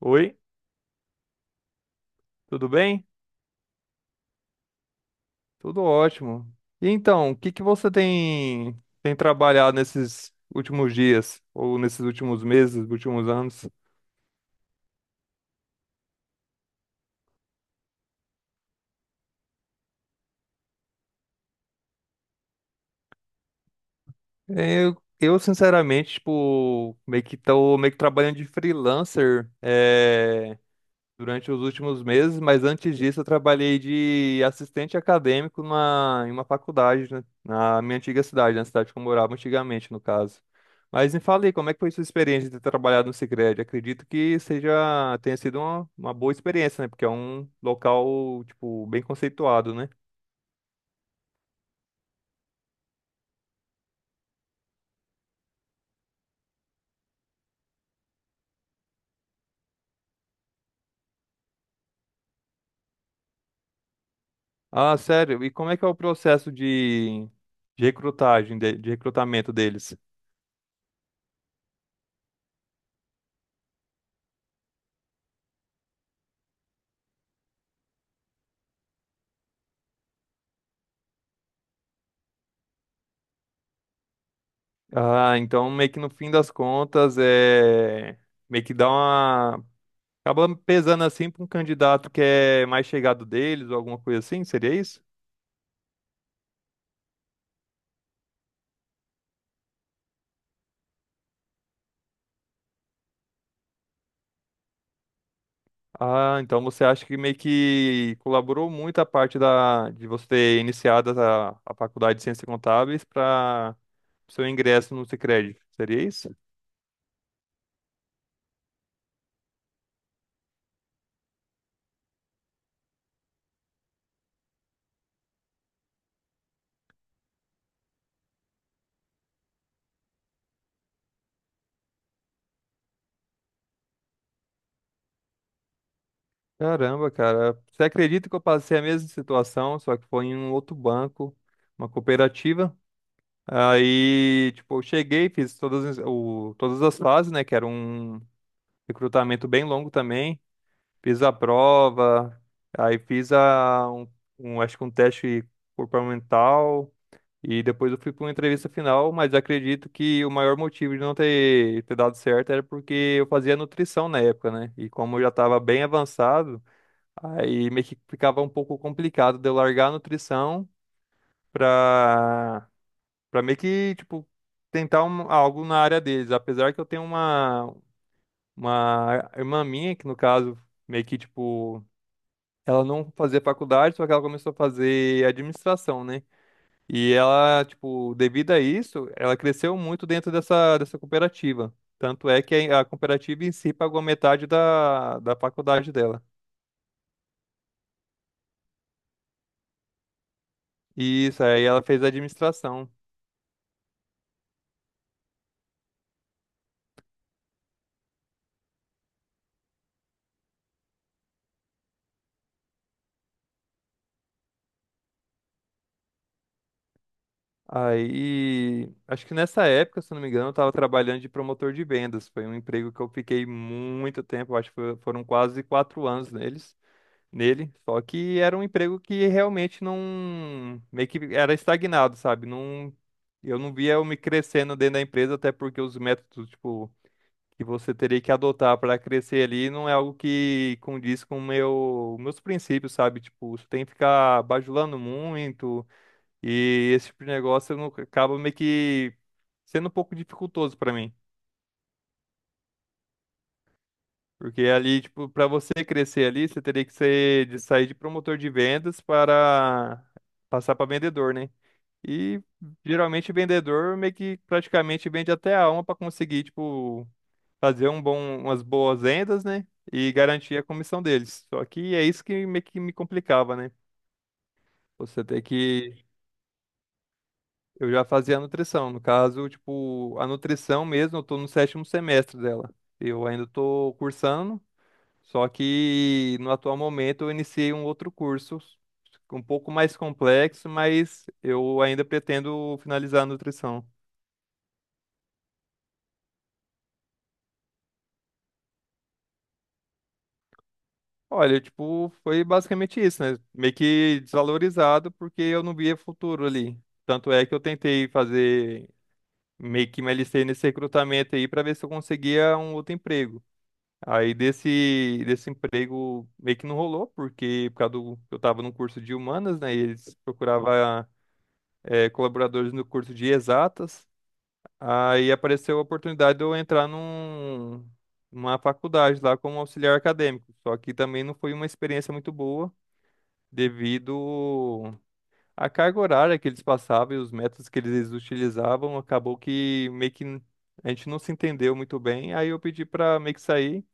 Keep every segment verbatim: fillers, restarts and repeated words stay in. Oi, tudo bem? Tudo ótimo. E então, o que que você tem tem trabalhado nesses últimos dias ou nesses últimos meses, últimos anos? Eu, eu sinceramente, tipo, meio que tô meio que trabalhando de freelancer, durante os últimos meses, mas antes disso eu trabalhei de assistente acadêmico numa, em uma faculdade, né, na minha antiga cidade, na cidade que eu morava antigamente, no caso. Mas me fale aí, como é que foi sua experiência de ter trabalhado no Sicredi? Acredito que seja, tenha sido uma, uma boa experiência, né? Porque é um local, tipo, bem conceituado, né? Ah, sério, e como é que é o processo de, de recrutagem, de, de recrutamento deles? Ah, então meio que no fim das contas é meio que dá uma Acaba pesando assim para um candidato que é mais chegado deles ou alguma coisa assim, seria isso? Ah, então você acha que meio que colaborou muito a parte da, de você ter iniciado a, a faculdade de Ciências Contábeis para seu ingresso no Sicredi, seria isso? Caramba, cara, você acredita que eu passei a mesma situação, só que foi em um outro banco, uma cooperativa? Aí, tipo, eu cheguei, fiz todas, as- o, todas as fases, né? Que era um recrutamento bem longo também. Fiz a prova, aí fiz a, um, um- acho que um teste comportamental e depois eu fui para uma entrevista final, mas acredito que o maior motivo de não ter, ter dado certo era porque eu fazia nutrição na época, né? E como eu já estava bem avançado, aí meio que ficava um pouco complicado de eu largar a nutrição para para meio que, tipo, tentar um- algo na área deles. Apesar que eu tenho uma, uma irmã minha, que no caso meio que, tipo, ela não fazia faculdade, só que ela começou a fazer administração, né? E ela, tipo, devido a isso, ela cresceu muito dentro dessa, dessa cooperativa. Tanto é que a cooperativa em si pagou metade da, da faculdade dela. E isso, aí ela fez administração. Aí, acho que nessa época, se eu não me engano, eu estava trabalhando de promotor de vendas. Foi um emprego que eu fiquei muito tempo, acho que foi- foram quase quatro anos neles. nele, Só que era um emprego que realmente não, meio que era estagnado, sabe? Não, eu não via eu me crescendo dentro da empresa, até porque os métodos, tipo, que você teria que adotar para crescer ali não é algo que condiz com o meu, meus princípios, sabe? Tipo, você tem que ficar bajulando muito e esse tipo de negócio não, acaba meio que sendo um pouco dificultoso para mim. Porque ali, tipo, para você crescer ali, você teria que ser de sair de promotor de vendas para passar para vendedor, né? E geralmente vendedor meio que praticamente vende até a alma para conseguir, tipo, fazer um bom, umas boas vendas, né? E garantir a comissão deles. Só que é isso que meio que me complicava, né? Você tem que. Eu já fazia nutrição. No caso, tipo, a nutrição mesmo, eu tô no sétimo semestre dela. Eu ainda tô cursando. Só que no atual momento eu iniciei um outro curso um pouco mais complexo, mas eu ainda pretendo finalizar a nutrição. Olha, tipo, foi basicamente isso, né? Meio que desvalorizado porque eu não via futuro ali. Tanto é que eu tentei fazer, meio que me alistei nesse recrutamento aí para ver se eu conseguia um outro emprego. Aí desse, desse emprego meio que não rolou, porque por causa do, eu tava num curso de humanas, né? E eles procuravam eh, colaboradores no curso de exatas. Aí apareceu a oportunidade de eu entrar num, numa faculdade lá como auxiliar acadêmico. Só que também não foi uma experiência muito boa devido à carga horária que eles passavam e os métodos que eles utilizavam. Acabou que meio que n- a gente não se entendeu muito bem. Aí eu pedi para meio que sair.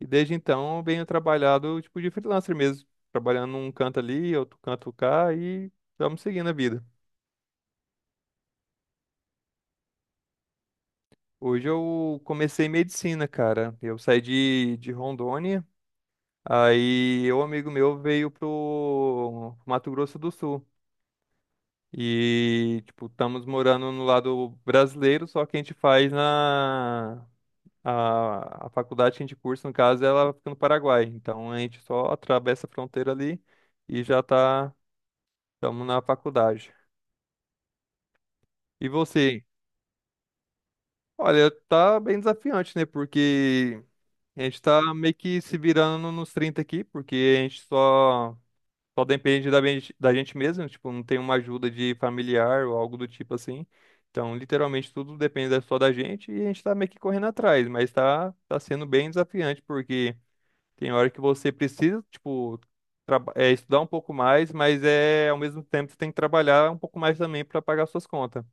E desde então eu venho trabalhado tipo de freelancer mesmo. Trabalhando um canto ali, outro canto cá e estamos seguindo a vida. Hoje eu comecei medicina, cara. Eu saí de, de Rondônia, aí um amigo meu veio pro Mato Grosso do Sul. E, tipo, estamos morando no lado brasileiro, só que a gente faz na... A, a faculdade que a gente cursa, no caso, ela fica no Paraguai. Então a gente só atravessa a fronteira ali e já tá... estamos na faculdade. E você? Olha, tá bem desafiante, né? Porque a gente tá meio que se virando nos trinta aqui, porque a gente só, só depende da, ben- da gente mesmo, tipo, não tem uma ajuda de familiar ou algo do tipo assim. Então, literalmente, tudo depende da- só da gente e a gente tá meio que correndo atrás, mas tá, tá sendo bem desafiante, porque tem hora que você precisa, tipo, traba- é, estudar um pouco mais, mas é ao mesmo tempo você tem que trabalhar um pouco mais também para pagar suas contas.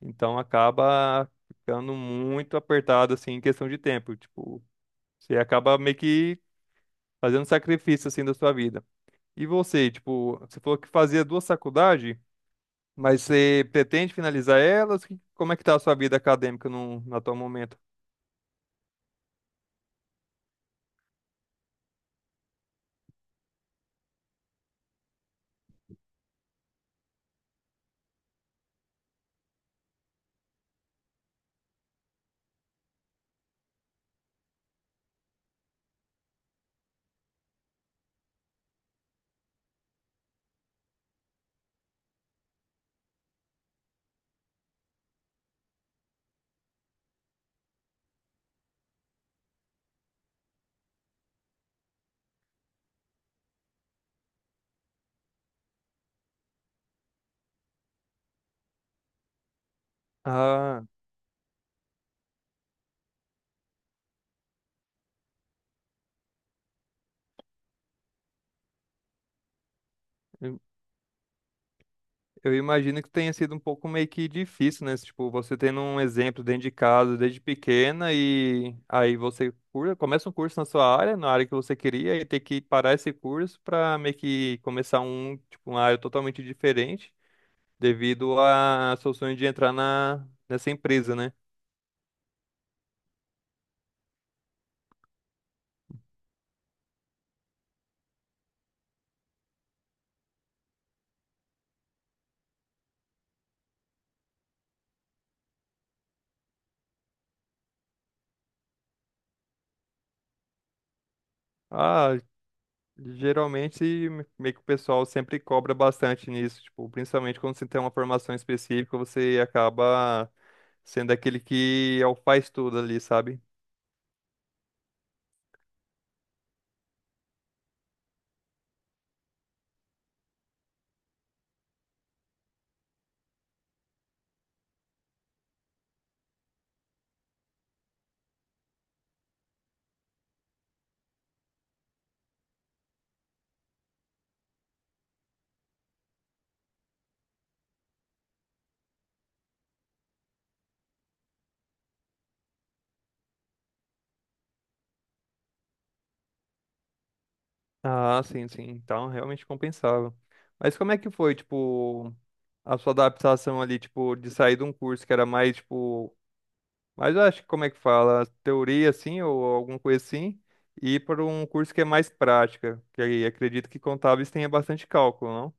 Então, acaba ficando muito apertado, assim, em questão de tempo, tipo. Você acaba meio que fazendo sacrifício assim da sua vida. E você, tipo, você falou que fazia duas faculdades, mas você pretende finalizar elas? Que- Como é que tá a sua vida acadêmica no, no atual momento? Ah, eu eu imagino que tenha sido um pouco meio que difícil, né? Tipo, você tendo um exemplo dentro de casa desde pequena e aí você cur- começa um curso na sua área, na área que você queria, e ter que parar esse curso para meio que começar um, tipo, uma área totalmente diferente devido a seu sonho de entrar na, nessa empresa, né? Ah, geralmente meio que o pessoal sempre cobra bastante nisso, tipo, principalmente quando você tem uma formação específica, você acaba sendo aquele que é o faz tudo ali, sabe? Ah, sim, sim. Então, realmente compensava. Mas como é que foi, tipo, a sua adaptação ali, tipo, de sair de um curso que era mais, tipo, mas eu acho que como é que fala, teoria assim ou alguma coisa assim, e ir para um curso que é mais prática, que aí acredito que contábeis tenha bastante cálculo, não?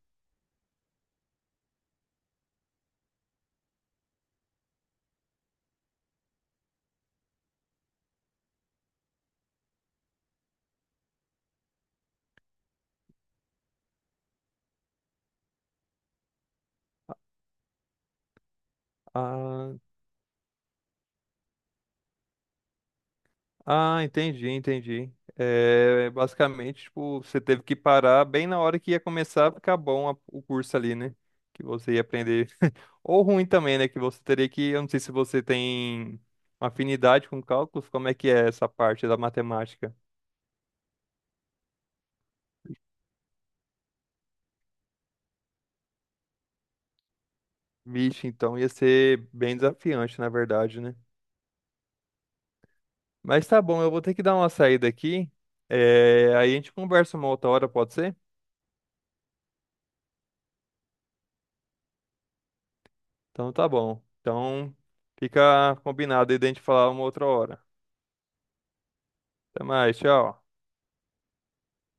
Ah, Ah, entendi, entendi. É, basicamente, tipo, você teve que parar bem na hora que ia começar a ficar bom a- o curso ali, né? Que você ia aprender. Ou ruim também, né? Que você teria que, eu não sei se você tem afinidade com cálculos, como é que é essa parte da matemática? Vixe, então ia ser bem desafiante, na verdade, né? Mas tá bom, eu vou ter que dar uma saída aqui. É, aí a gente conversa uma outra hora, pode ser? Então tá bom. Então fica combinado aí de a gente falar uma outra hora. Até mais, tchau.